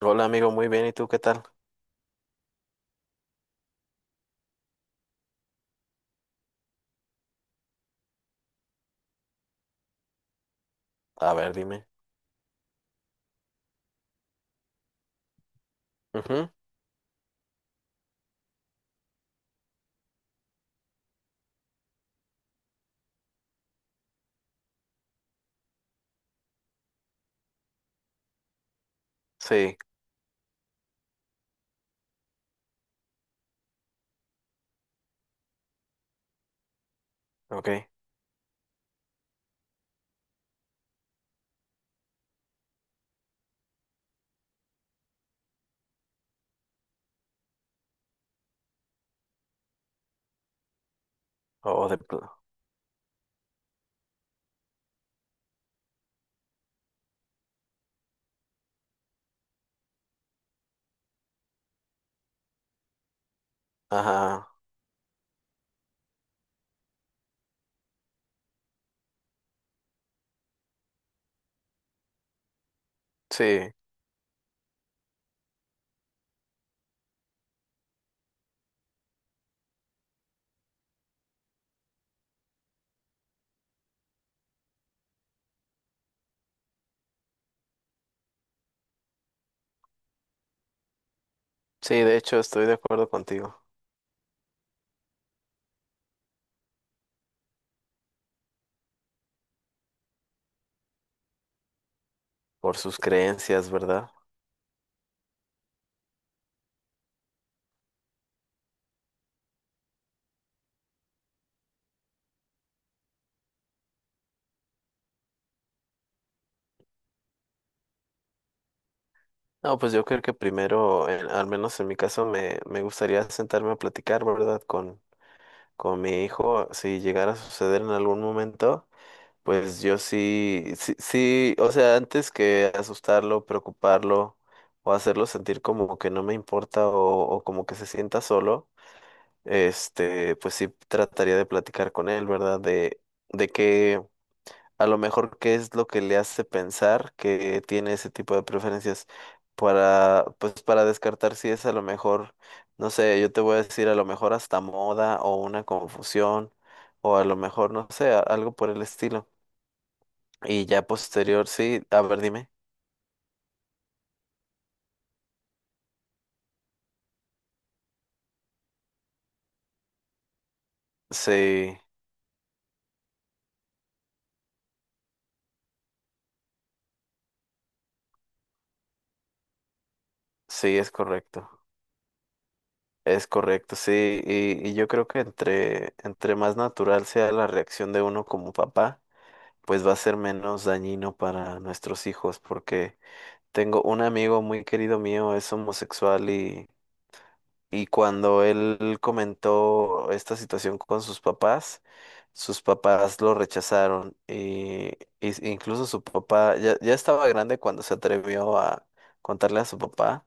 Hola amigo, muy bien, ¿y tú qué tal? A ver, dime. Ujú. Sí, ok. O de pl- Ajá, sí, sí, de hecho estoy de acuerdo contigo por sus creencias, ¿verdad? No, pues yo creo que primero, al menos en mi caso, me gustaría sentarme a platicar, ¿verdad? Con mi hijo, si llegara a suceder en algún momento. Pues yo sí, sí, sí, o sea, antes que asustarlo, preocuparlo o hacerlo sentir como que no me importa o como que se sienta solo, pues sí trataría de platicar con él, ¿verdad? De que a lo mejor qué es lo que le hace pensar que tiene ese tipo de preferencias para, pues para descartar si es a lo mejor, no sé, yo te voy a decir a lo mejor hasta moda o una confusión o a lo mejor, no sé, algo por el estilo y ya posterior, sí, a ver, dime. Sí, sí, es correcto. Es correcto, sí. Y yo creo que entre más natural sea la reacción de uno como papá, pues va a ser menos dañino para nuestros hijos, porque tengo un amigo muy querido mío, es homosexual. Y cuando él comentó esta situación con sus papás lo rechazaron. Incluso su papá ya, ya estaba grande cuando se atrevió a contarle a su papá.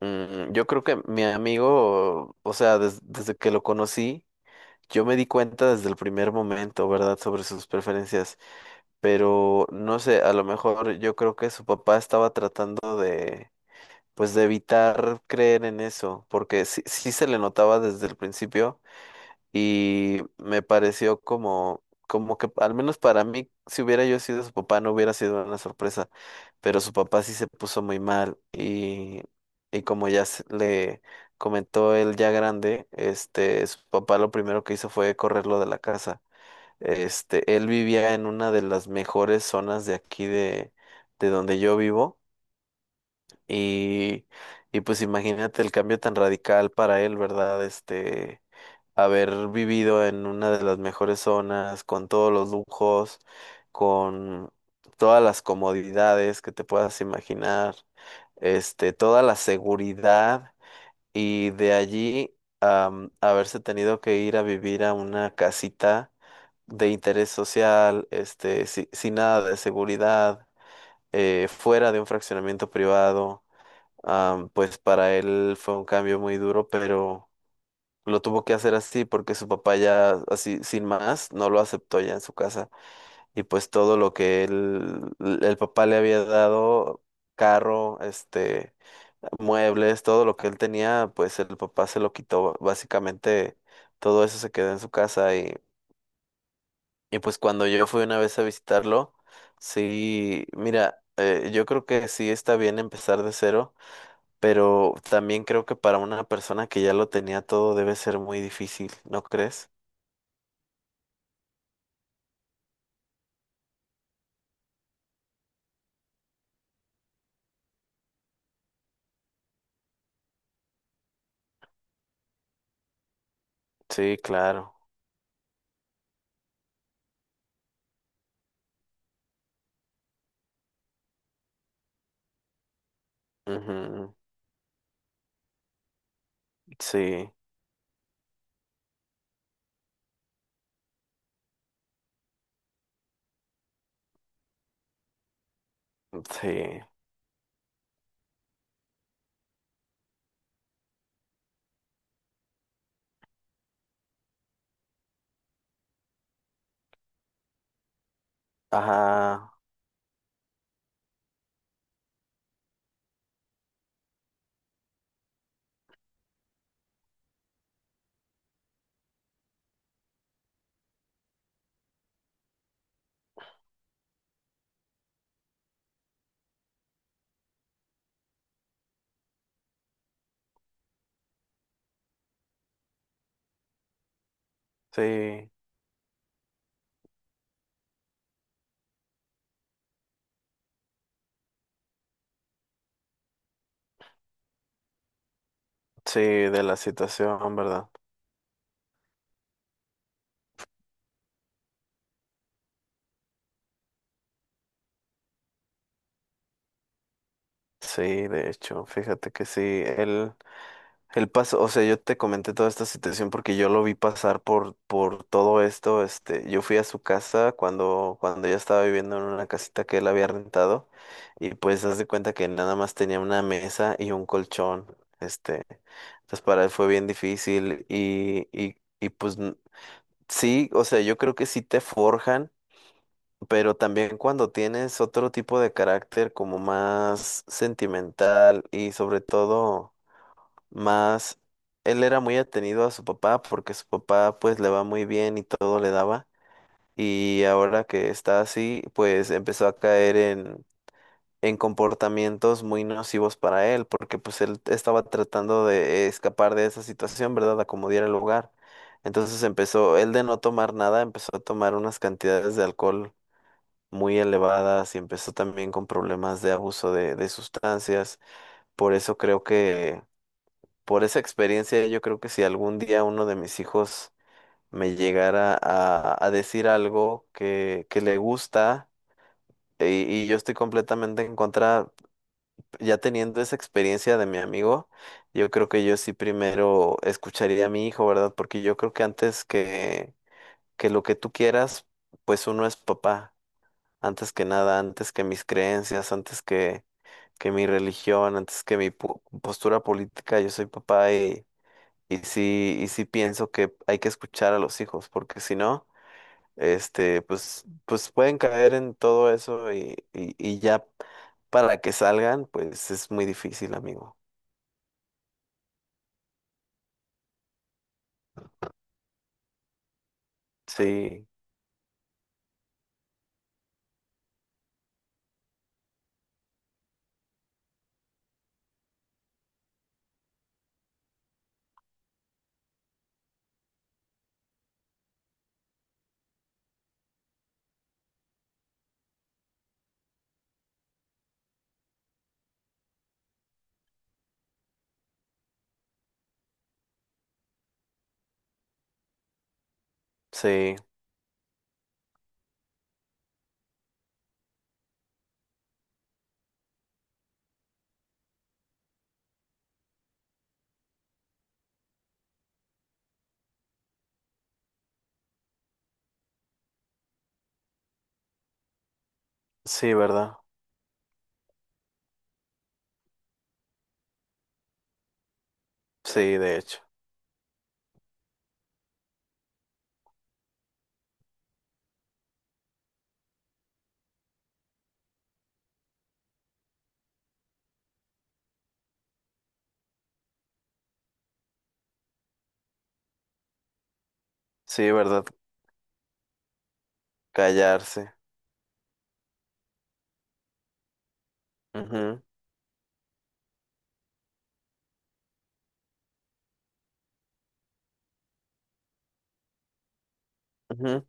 Yo creo que mi amigo, o sea, desde que lo conocí, yo me di cuenta desde el primer momento, ¿verdad?, sobre sus preferencias. Pero no sé, a lo mejor yo creo que su papá estaba tratando de pues de evitar creer en eso, porque sí, sí se le notaba desde el principio y me pareció como que al menos para mí, si hubiera yo sido su papá, no hubiera sido una sorpresa, pero su papá sí se puso muy mal y como ya le comentó él ya grande, su papá lo primero que hizo fue correrlo de la casa. Él vivía en una de las mejores zonas de aquí de donde yo vivo y, y pues imagínate el cambio tan radical para él, ¿verdad? Haber vivido en una de las mejores zonas, con todos los lujos, con todas las comodidades que te puedas imaginar, toda la seguridad y de allí haberse tenido que ir a vivir a una casita de interés social, sin nada de seguridad, fuera de un fraccionamiento privado. Pues para él fue un cambio muy duro, pero lo tuvo que hacer así porque su papá ya así sin más no lo aceptó ya en su casa. Y pues todo lo que él, el papá le había dado, carro, muebles, todo lo que él tenía, pues el papá se lo quitó. Básicamente todo eso se quedó en su casa y pues cuando yo fui una vez a visitarlo, sí, mira, yo creo que sí está bien empezar de cero pero también creo que para una persona que ya lo tenía todo debe ser muy difícil, ¿no crees? Sí, claro. Ujú. Sí, sí. Ajá, sí, sí, de la situación, ¿verdad? Sí, de hecho, fíjate que sí, él. El paso, o sea, yo te comenté toda esta situación porque yo lo vi pasar por todo esto. Yo fui a su casa cuando ella estaba viviendo en una casita que él había rentado y pues haz de cuenta que nada más tenía una mesa y un colchón. Este, entonces para él fue bien difícil y pues sí, o sea, yo creo que sí te forjan, pero también cuando tienes otro tipo de carácter como más sentimental y sobre todo más él era muy atenido a su papá porque su papá pues le va muy bien y todo le daba y ahora que está así pues empezó a caer en comportamientos muy nocivos para él porque pues él estaba tratando de escapar de esa situación, ¿verdad? Acomodar el lugar. Entonces empezó, él de no tomar nada, empezó a tomar unas cantidades de alcohol muy elevadas y empezó también con problemas de abuso de sustancias. Por eso creo que por esa experiencia, yo creo que si algún día uno de mis hijos me llegara a decir algo que le gusta y yo estoy completamente en contra, ya teniendo esa experiencia de mi amigo, yo creo que yo sí primero escucharía a mi hijo, ¿verdad? Porque yo creo que antes que lo que tú quieras, pues uno es papá, antes que nada, antes que mis creencias, antes que mi religión, antes que mi postura política, yo soy papá. Y sí pienso que hay que escuchar a los hijos, porque si no, pues, pues pueden caer en todo eso y ya para que salgan, pues es muy difícil, amigo. Sí, sí, sí, ¿verdad? Sí, de hecho. Sí, ¿verdad? Callarse. Ujú, ujú,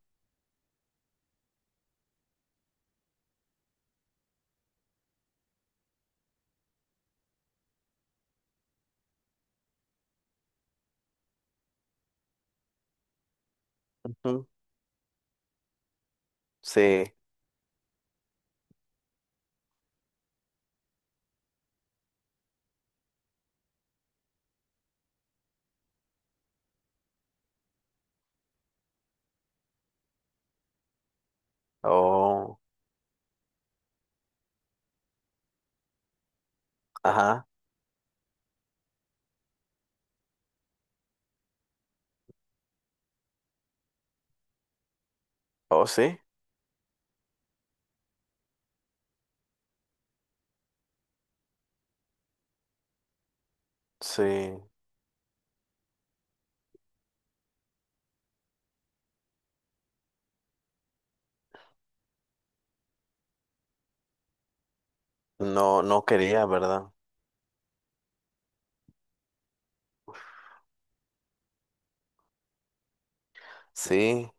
ujú. Sí. Oh, ajá. Oh, sí. Sí. No, no quería, ¿verdad? Sí,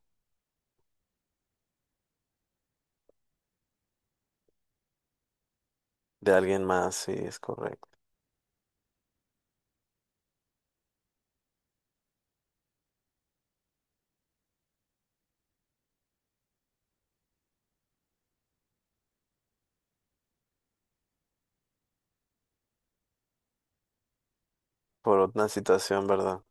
de alguien más, sí, es correcto. Por otra situación, ¿verdad?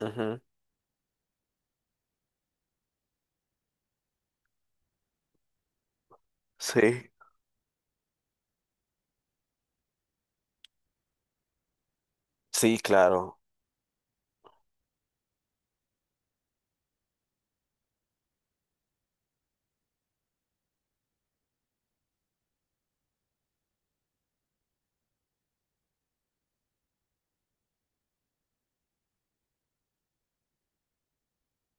Ujú. Sí, sí, claro.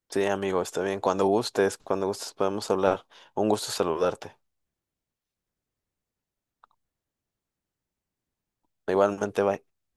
Sí, amigo, está bien. Cuando gustes podemos hablar. Un gusto saludarte. Igualmente, bye.